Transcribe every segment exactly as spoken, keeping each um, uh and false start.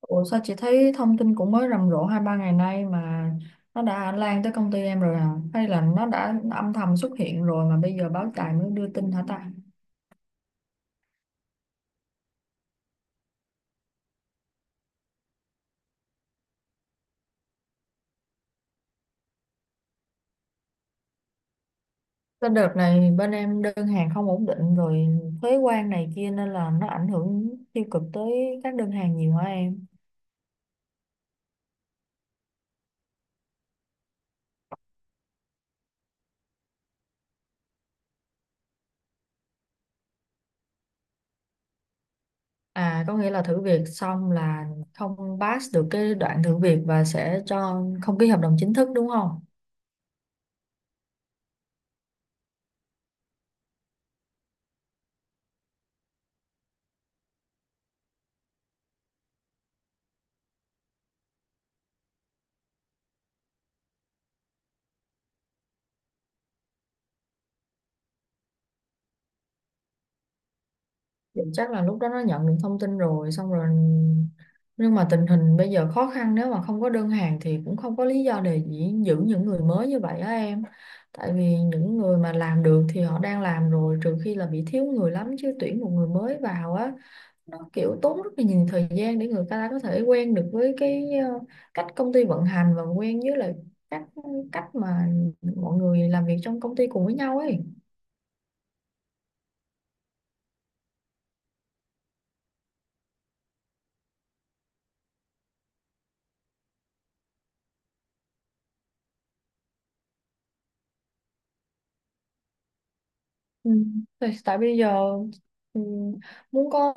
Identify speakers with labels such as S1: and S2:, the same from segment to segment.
S1: Ủa sao chị thấy thông tin cũng mới rầm rộ hai ba ngày nay mà nó đã lan tới công ty em rồi à? Hay là nó đã âm thầm xuất hiện rồi mà bây giờ báo đài mới đưa tin hả ta? Cái đợt này bên em đơn hàng không ổn định rồi, thuế quan này kia nên là nó ảnh hưởng tiêu cực tới các đơn hàng nhiều hả em? À, có nghĩa là thử việc xong là không pass được cái đoạn thử việc và sẽ cho không ký hợp đồng chính thức đúng không? Thì chắc là lúc đó nó nhận được thông tin rồi, xong rồi. Nhưng mà tình hình bây giờ khó khăn, nếu mà không có đơn hàng thì cũng không có lý do để dĩ- giữ những người mới như vậy á em. Tại vì những người mà làm được thì họ đang làm rồi, trừ khi là bị thiếu người lắm, chứ tuyển một người mới vào á, nó kiểu tốn rất là nhiều thời gian để người ta có thể quen được với cái ờ, cách công ty vận hành, và quen với lại các cách mà mọi người làm việc trong công ty cùng với nhau ấy. Ừ. Tại tại bây giờ, ừ, muốn có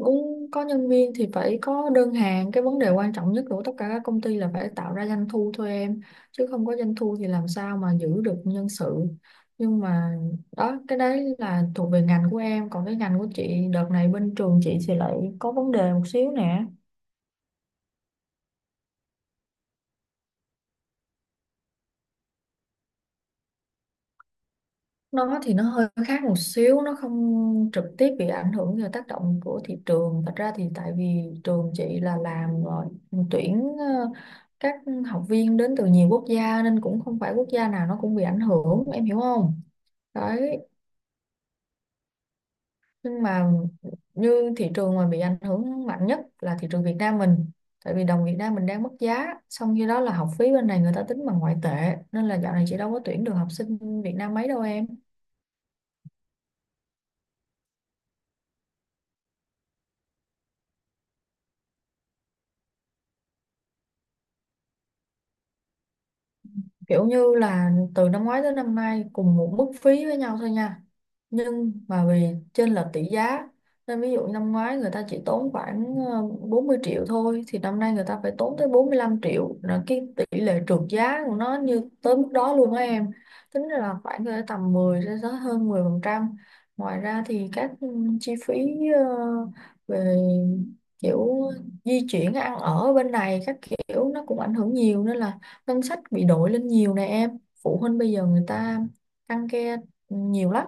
S1: muốn có nhân viên thì phải có đơn hàng. Cái vấn đề quan trọng nhất của tất cả các công ty là phải tạo ra doanh thu thôi em, chứ không có doanh thu thì làm sao mà giữ được nhân sự. Nhưng mà đó, cái đấy là thuộc về ngành của em, còn cái ngành của chị đợt này, bên trường chị thì lại có vấn đề một xíu nè. Nó thì nó hơi khác một xíu, nó không trực tiếp bị ảnh hưởng do tác động của thị trường, thật ra thì tại vì trường chị là làm rồi, tuyển ờ, các học viên đến từ nhiều quốc gia, nên cũng không phải quốc gia nào nó cũng bị ảnh hưởng em hiểu không. Đấy. Nhưng mà như thị trường mà bị ảnh hưởng mạnh nhất là thị trường Việt Nam mình, tại vì đồng Việt Nam mình đang mất giá, xong khi đó là học phí bên này người ta tính bằng ngoại tệ, nên là dạo này chị đâu có tuyển được học sinh Việt Nam mấy đâu em. Kiểu như là từ năm ngoái tới năm nay cùng một mức phí với nhau thôi nha, nhưng mà vì chênh lệch tỷ giá nên ví dụ năm ngoái người ta chỉ tốn khoảng ờ, bốn mươi triệu thôi, thì năm nay người ta phải tốn tới bốn mươi lăm triệu, là cái tỷ lệ trượt giá của nó như tới mức đó luôn á em. Tính ra là khoảng cỡ tầm mười đến tới hơn mười phần trăm. Ngoài ra thì các ừ, chi phí ờ, về kiểu di chuyển, ăn ở bên này các kiểu nó cũng ảnh hưởng nhiều, nên là ngân sách bị đổi lên nhiều nè em. Phụ huynh bây giờ người ta ăn ke nhiều lắm.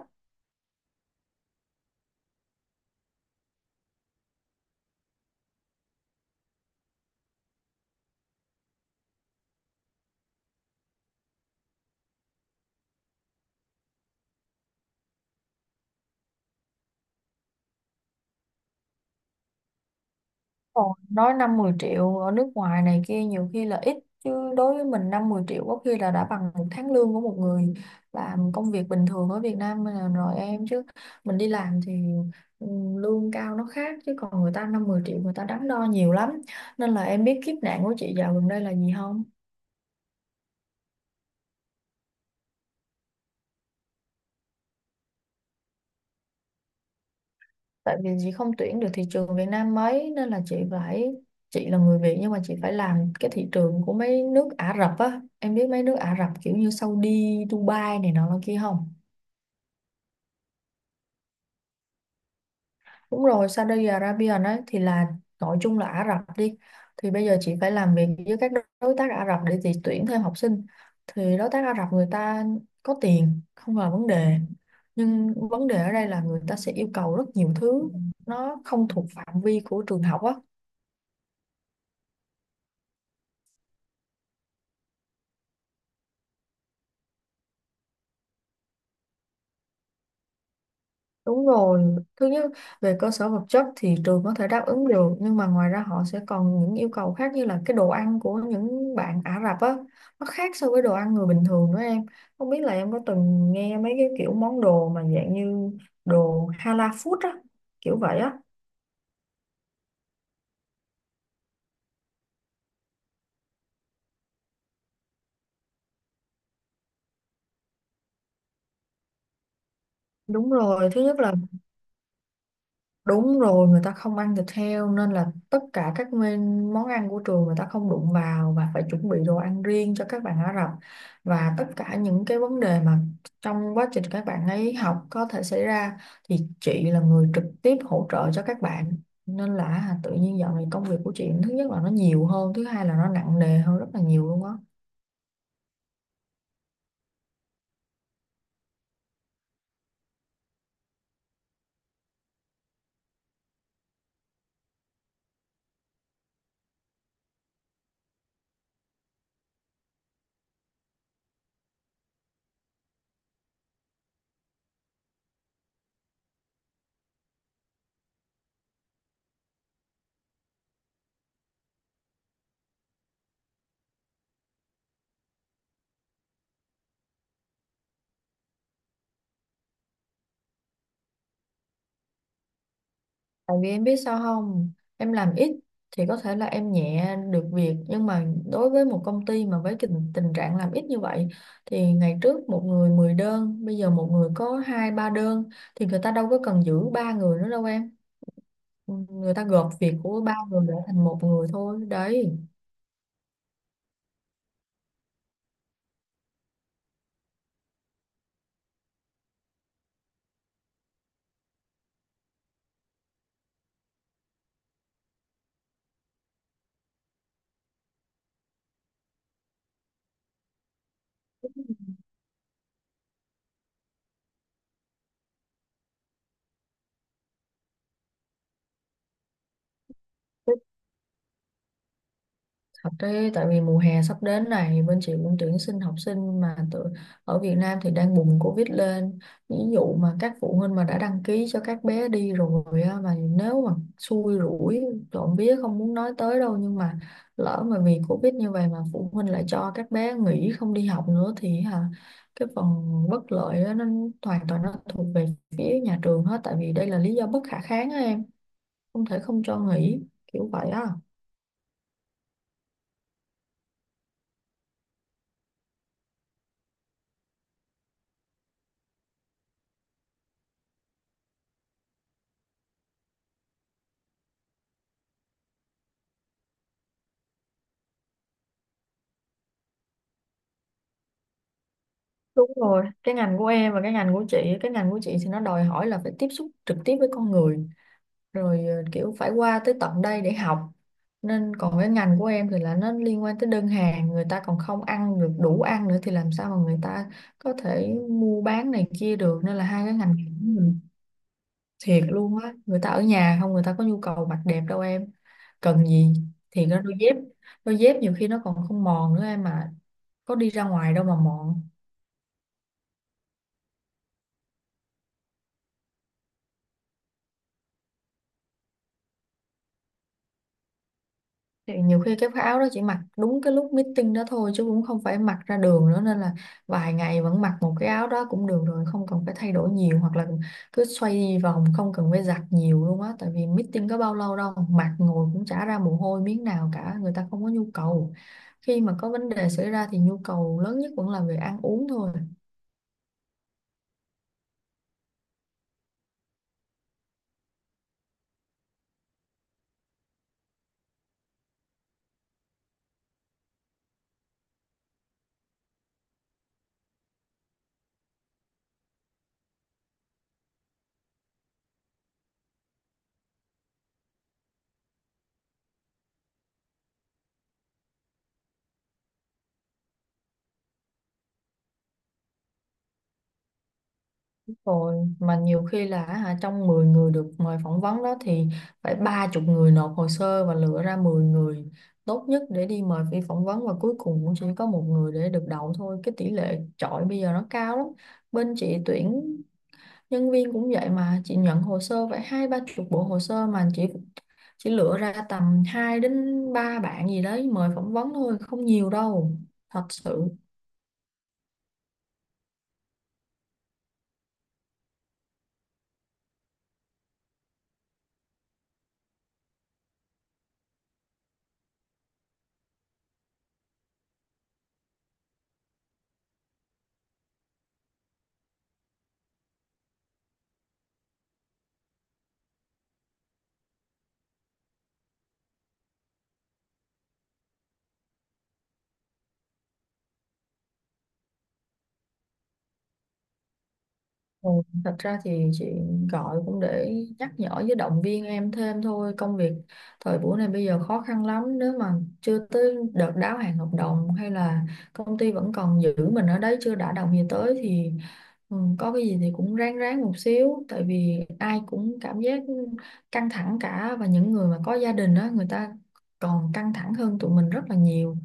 S1: Còn nói năm mười triệu ở nước ngoài này kia nhiều khi là ít, chứ đối với mình năm mười triệu có khi là đã bằng một tháng lương của một người làm công việc bình thường ở Việt Nam là rồi em. Chứ mình đi làm thì ừ, lương cao nó khác, chứ còn người ta năm mười triệu người ta đắn đo nhiều lắm. Nên là em biết kiếp nạn của chị dạo gần đây là gì không. Tại vì chị không tuyển được thị trường Việt Nam mấy, nên là chị phải, chị là người Việt nhưng mà chị phải làm cái thị trường của mấy nước Ả Rập á. Em biết mấy nước Ả Rập kiểu như Saudi, Dubai này nọ là kia không. Đúng rồi, Saudi Arabia nói thì là, gọi chung là Ả Rập đi. Thì bây giờ chị phải làm việc với các đối tác Ả Rập để chị tuyển thêm học sinh, thì đối tác Ả Rập người ta có tiền không là vấn đề, nhưng vấn đề ở đây là người ta sẽ yêu cầu rất nhiều thứ nó không thuộc phạm vi của trường học á. Đúng rồi, thứ nhất về cơ sở vật chất thì trường có thể đáp ứng được, nhưng mà ngoài ra họ sẽ còn những yêu cầu khác, như là cái đồ ăn của những bạn Ả Rập á, nó khác so với đồ ăn người bình thường nữa em. Không biết là em có từng nghe mấy cái kiểu món đồ mà dạng như đồ halal food á, kiểu vậy á. Đúng rồi, thứ nhất là, đúng rồi, người ta không ăn thịt heo nên là tất cả các men- món ăn của trường người ta không đụng vào, và phải chuẩn bị đồ ăn riêng cho các bạn Ả Rập. Và tất cả những cái vấn đề mà trong quá trình các bạn ấy học có thể xảy ra thì chị là người trực tiếp hỗ trợ cho các bạn. Nên là tự nhiên dạo này công việc của chị thứ nhất là nó nhiều hơn, thứ hai là nó nặng nề hơn rất là nhiều luôn á. Tại vì em biết sao không, em làm ít thì có thể là em nhẹ được việc, nhưng mà đối với một công ty mà với tình, tình trạng làm ít như vậy thì ngày trước một người mười đơn, bây giờ một người có hai ba đơn, thì người ta đâu có cần giữ ba người nữa đâu em. Người ta gộp việc của ba người để thành một người thôi. Đấy. Thật đấy, tại vì mùa hè sắp đến này bên chị cũng tuyển sinh học sinh, mà tự, ở Việt Nam thì đang bùng Covid lên. Ví dụ mà các phụ huynh mà đã đăng ký cho các bé đi rồi á, mà nếu mà xui rủi, trộm vía không muốn nói tới đâu, nhưng mà lỡ mà vì Covid như vậy mà phụ huynh lại cho các bé nghỉ không đi học nữa thì hả, cái phần bất lợi á, nó hoàn toàn nó thuộc về phía nhà trường hết, tại vì đây là lý do bất khả kháng á em, không thể không cho nghỉ, kiểu vậy á. Đúng rồi, cái ngành của em và cái ngành của chị, cái ngành của chị thì nó đòi hỏi là phải tiếp xúc trực tiếp với con người, rồi ờ, kiểu phải qua tới tận đây để học. Nên còn cái ngành của em thì là nó liên quan tới đơn hàng, người ta còn không ăn được đủ ăn nữa thì làm sao mà người ta có thể mua bán này kia được. Nên là hai cái ngành này của mình thiệt luôn á, người ta ở nhà không, người ta có nhu cầu mặc đẹp đâu em. Cần gì, thì nó đôi dép, đôi dép nhiều khi nó còn không mòn nữa em, mà có đi ra ngoài đâu mà mòn. Thì nhiều khi cái áo đó chỉ mặc đúng cái lúc meeting đó thôi, chứ cũng không phải mặc ra đường nữa, nên là vài ngày vẫn mặc một cái áo đó cũng được rồi, không cần phải thay đổi nhiều, hoặc là cứ xoay vòng không cần phải giặt nhiều luôn á, tại vì meeting có bao lâu đâu, mặc ngồi cũng chả ra mồ hôi miếng nào cả, người ta không có nhu cầu. Khi mà có vấn đề xảy ra thì nhu cầu lớn nhất vẫn là về ăn uống thôi. Rồi mà nhiều khi là hả, trong mười người được mời phỏng vấn đó thì phải ba chục người nộp hồ sơ, và lựa ra mười người tốt nhất để đi mời đi phỏng vấn, và cuối cùng cũng chỉ có một người để được đậu thôi. Cái tỷ lệ chọi bây giờ nó cao lắm. Bên chị tuyển nhân viên cũng vậy, mà chị nhận hồ sơ phải hai ba chục bộ hồ sơ, mà chị chỉ lựa ra tầm hai đến ba bạn gì đấy mời phỏng vấn thôi, không nhiều đâu. Thật sự. Ừ, Thật ra thì chị gọi cũng để nhắc nhở với động viên em thêm thôi. Công việc thời buổi này bây giờ khó khăn lắm, nếu mà chưa tới đợt đáo hạn hợp đồng, hay là công ty vẫn còn giữ mình ở đấy chưa đã đồng gì tới thì ừ, có cái gì thì cũng ráng ráng một xíu, tại vì ai cũng cảm giác căng thẳng cả, và những người mà có gia đình đó người ta còn căng thẳng hơn tụi mình rất là nhiều,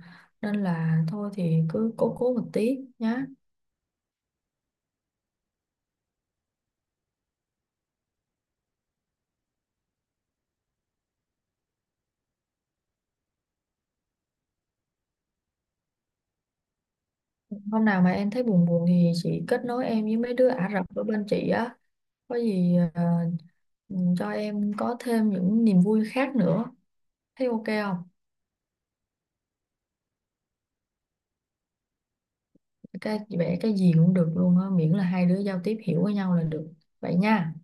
S1: nên là thôi thì cứ cố cố một tí nhá. Hôm nào mà em thấy buồn buồn thì chị kết nối em với mấy đứa Ả Rập ở bên chị á. Có gì ờ, ừ, cho em có thêm những niềm vui khác nữa. Thấy ok không? Cái vẽ cái gì cũng được luôn á, miễn là hai đứa giao tiếp hiểu với nhau là được. Vậy nha.